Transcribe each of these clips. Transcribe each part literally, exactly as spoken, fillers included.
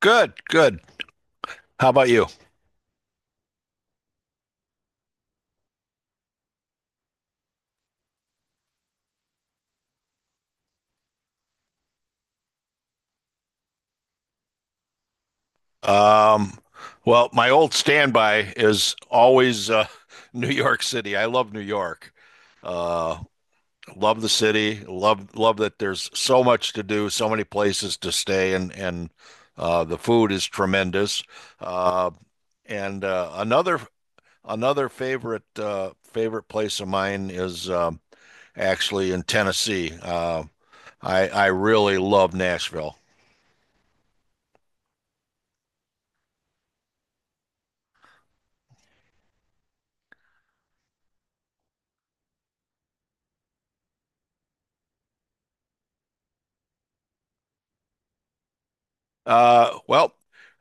Good, good. How about you? Um, well, my old standby is always uh, New York City. I love New York. Uh, love the city. Love love that there's so much to do, so many places to stay, and and uh, the food is tremendous. Uh, and uh, another another favorite uh, favorite place of mine is um, actually in Tennessee. Uh, I I really love Nashville. Uh, well,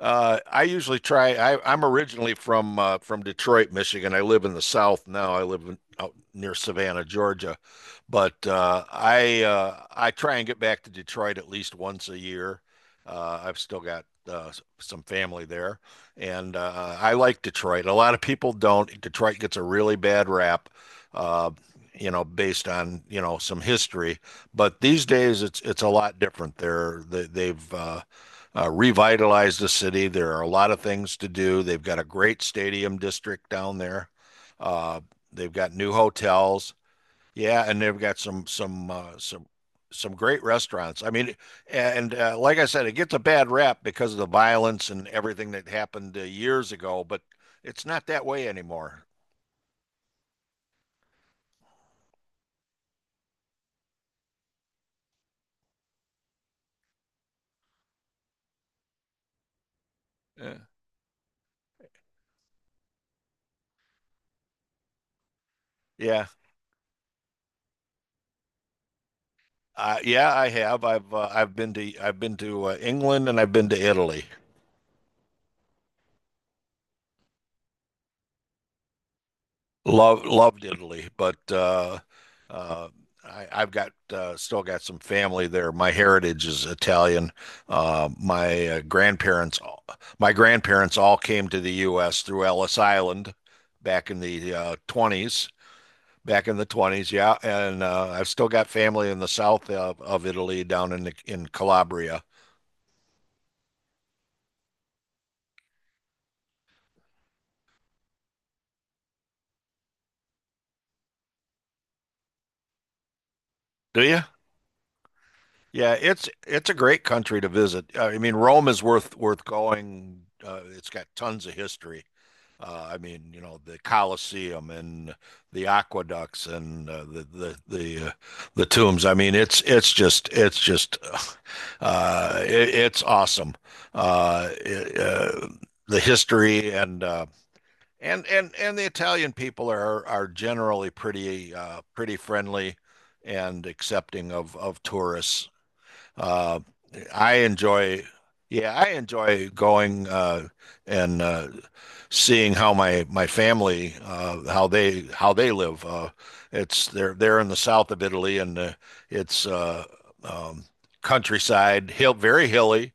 uh, I usually try. I, I'm originally from uh, from Detroit, Michigan. I live in the South now. I live in, out near Savannah, Georgia, but uh, I uh, I try and get back to Detroit at least once a year. Uh, I've still got uh, s- some family there, and uh, I like Detroit. A lot of people don't. Detroit gets a really bad rap. Uh, You know, based on, you know, some history, but these days it's it's a lot different. They're they, they've uh, uh, revitalize the city. There are a lot of things to do. They've got a great stadium district down there. Uh, they've got new hotels. Yeah, and they've got some some uh, some some great restaurants. I mean, and uh, like I said, it gets a bad rap because of the violence and everything that happened uh, years ago. But it's not that way anymore. Yeah. Yeah, uh, yeah, I have. I've uh, I've been to I've been to uh, England and I've been to Italy. Love loved Italy, but uh, uh, I, I've got uh, still got some family there. My heritage is Italian. Uh, my uh, grandparents, my grandparents all came to the U S through Ellis Island back in the uh, twenties. Back in the twenties, yeah, and uh, I've still got family in the south of, of Italy, down in the, in Calabria. Do you? Yeah, it's it's a great country to visit. I mean, Rome is worth worth going. Uh, it's got tons of history. Uh, I mean, you know, the Colosseum and the aqueducts and uh, the the the uh, the tombs. I mean, it's it's just it's just uh, it, it's awesome. Uh, it, uh, the history and uh, and and and the Italian people are are generally pretty uh, pretty friendly and accepting of of tourists. Uh, I enjoy, yeah, I enjoy going uh, and uh, seeing how my my family uh, how they how they live. Uh, it's they're they're in the south of Italy, and uh, it's uh, um, countryside, hill very hilly,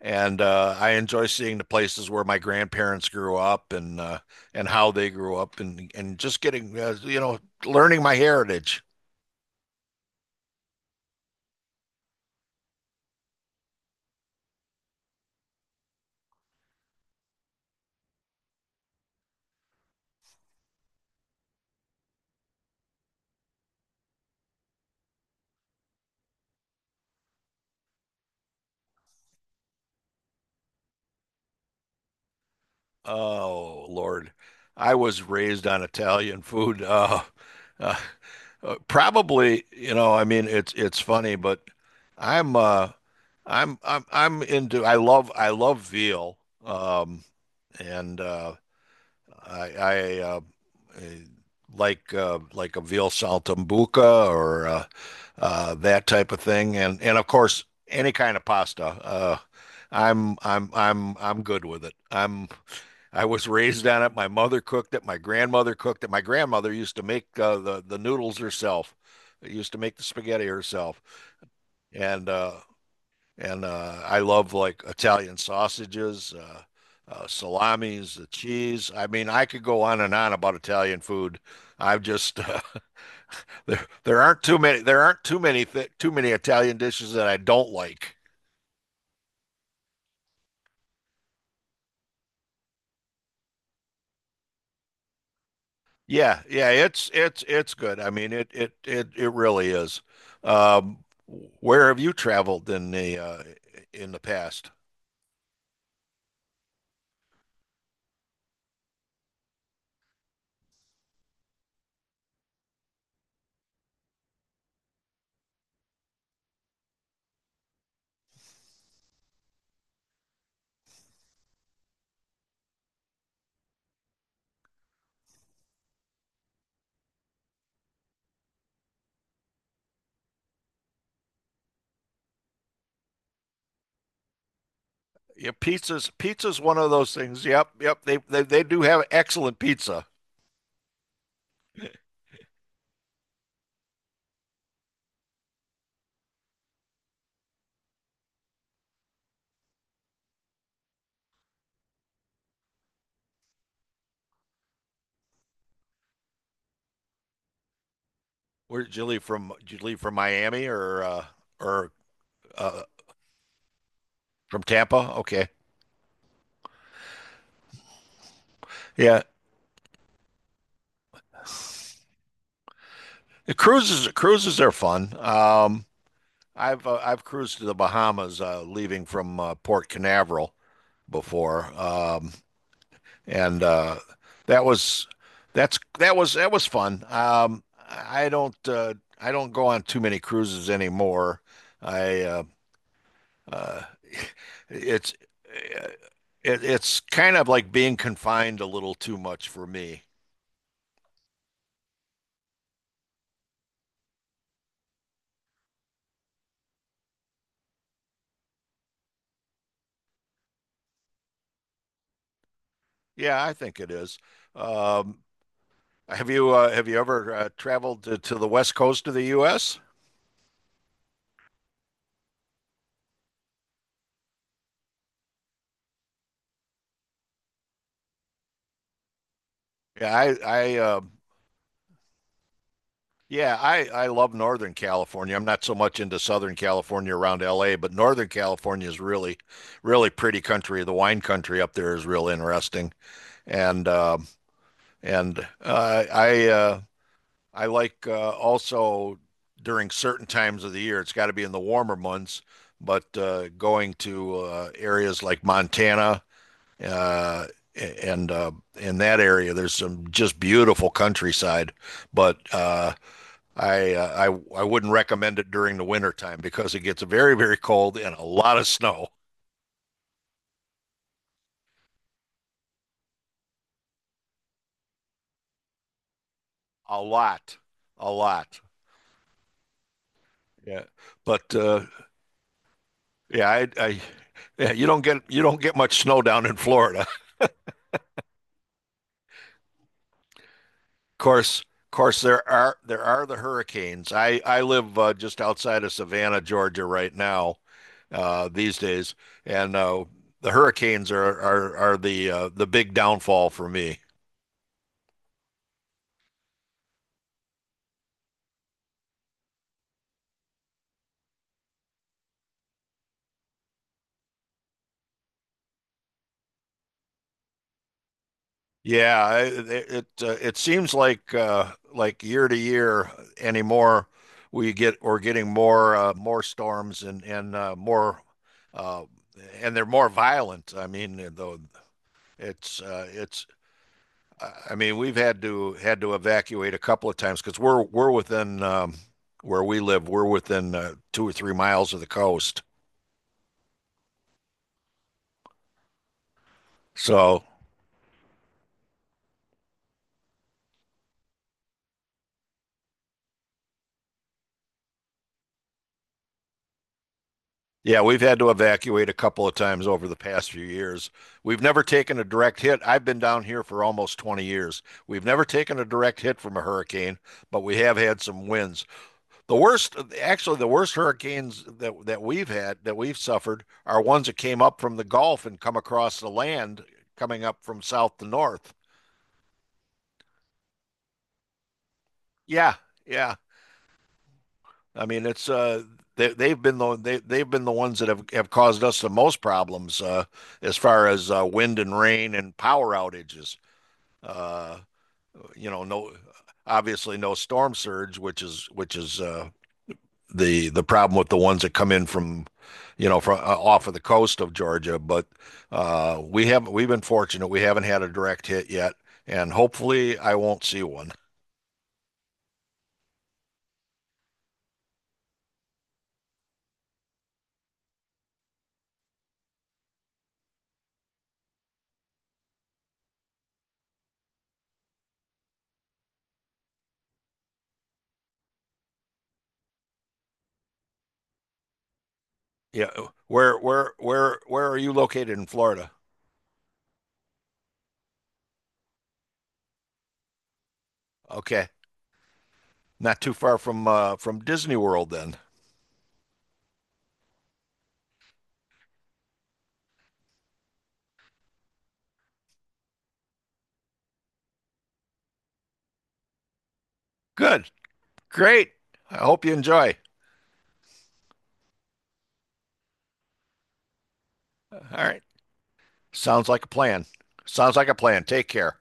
and uh, I enjoy seeing the places where my grandparents grew up and uh, and how they grew up, and and just getting uh, you know learning my heritage. Oh Lord, I was raised on Italian food. Uh, uh, uh, Probably, you know, I mean, it's it's funny, but I'm uh, I'm I'm I'm into. I love I love veal. Um, and uh, I, I uh, eh, Like uh, like a veal saltimbocca or uh, uh, that type of thing, and and of course any kind of pasta. Uh, I'm I'm I'm I'm good with it. I'm I was raised on it. My mother cooked it. My grandmother cooked it. My grandmother used to make uh, the the noodles herself. Used to make the spaghetti herself, and uh, and uh, I love like Italian sausages, uh, uh, salamis, the cheese. I mean, I could go on and on about Italian food. I've just uh, there there aren't too many there aren't too many th too many Italian dishes that I don't like. Yeah, yeah, it's it's it's good. I mean, it it it it really is. Um, where have you traveled in the uh, in the past? Yeah, pizza's pizza's one of those things. Yep, yep. They they they do have excellent pizza. Where did you leave from? Did you leave from Miami or uh, or uh, from Tampa? Okay, yeah. The cruises cruises are fun. Um, I've uh, I've cruised to the Bahamas, uh, leaving from uh, Port Canaveral before, um, and uh, that was that's that was that was fun. Um, I don't uh, I don't go on too many cruises anymore. I uh, Uh, it's uh, it, it's kind of like being confined a little too much for me. Yeah, I think it is. Um, have you uh, have you ever uh, traveled to, to the west coast of the U S? Yeah, I I um yeah, I I love Northern California. I'm not so much into Southern California around L A, but Northern California is really really pretty country. The wine country up there is real interesting, and um and uh, I uh, I like uh, also during certain times of the year. It's got to be in the warmer months, but uh, going to uh, areas like Montana uh, and uh, in that area, there's some just beautiful countryside. But uh, I, uh, I I wouldn't recommend it during the winter time because it gets very very cold and a lot of snow, a lot, a lot. Yeah, but uh, yeah, I, I yeah, you don't get you don't get much snow down in Florida. Of course, of course, there are there are the hurricanes. I I live uh, just outside of Savannah, Georgia, right now, uh, these days, and uh, the hurricanes are are are the uh, the big downfall for me. Yeah, I- it it, uh, it seems like uh, like year to year anymore, we get we're getting more uh, more storms and and uh, more uh, and they're more violent. I mean, though it's uh, it's I mean, we've had to had to evacuate a couple of times because we're we're within um, where we live. We're within uh, two or three miles of the coast. So yeah, we've had to evacuate a couple of times over the past few years. We've never taken a direct hit. I've been down here for almost twenty years. We've never taken a direct hit from a hurricane, but we have had some winds. The worst, actually, the worst hurricanes that, that we've had, that we've suffered, are ones that came up from the Gulf and come across the land coming up from south to north. Yeah, yeah. I mean, it's uh they they've been the they they've been the ones that have have caused us the most problems uh as far as uh wind and rain and power outages. Uh you know, no, obviously no storm surge, which is which is uh the the problem with the ones that come in from you know from uh, off of the coast of Georgia, but uh we haven't we've been fortunate. We haven't had a direct hit yet, and hopefully I won't see one. Yeah. Where where where where are you located in Florida? Okay. Not too far from uh, from Disney World then. Good. Great. I hope you enjoy. All right. Sounds like a plan. Sounds like a plan. Take care.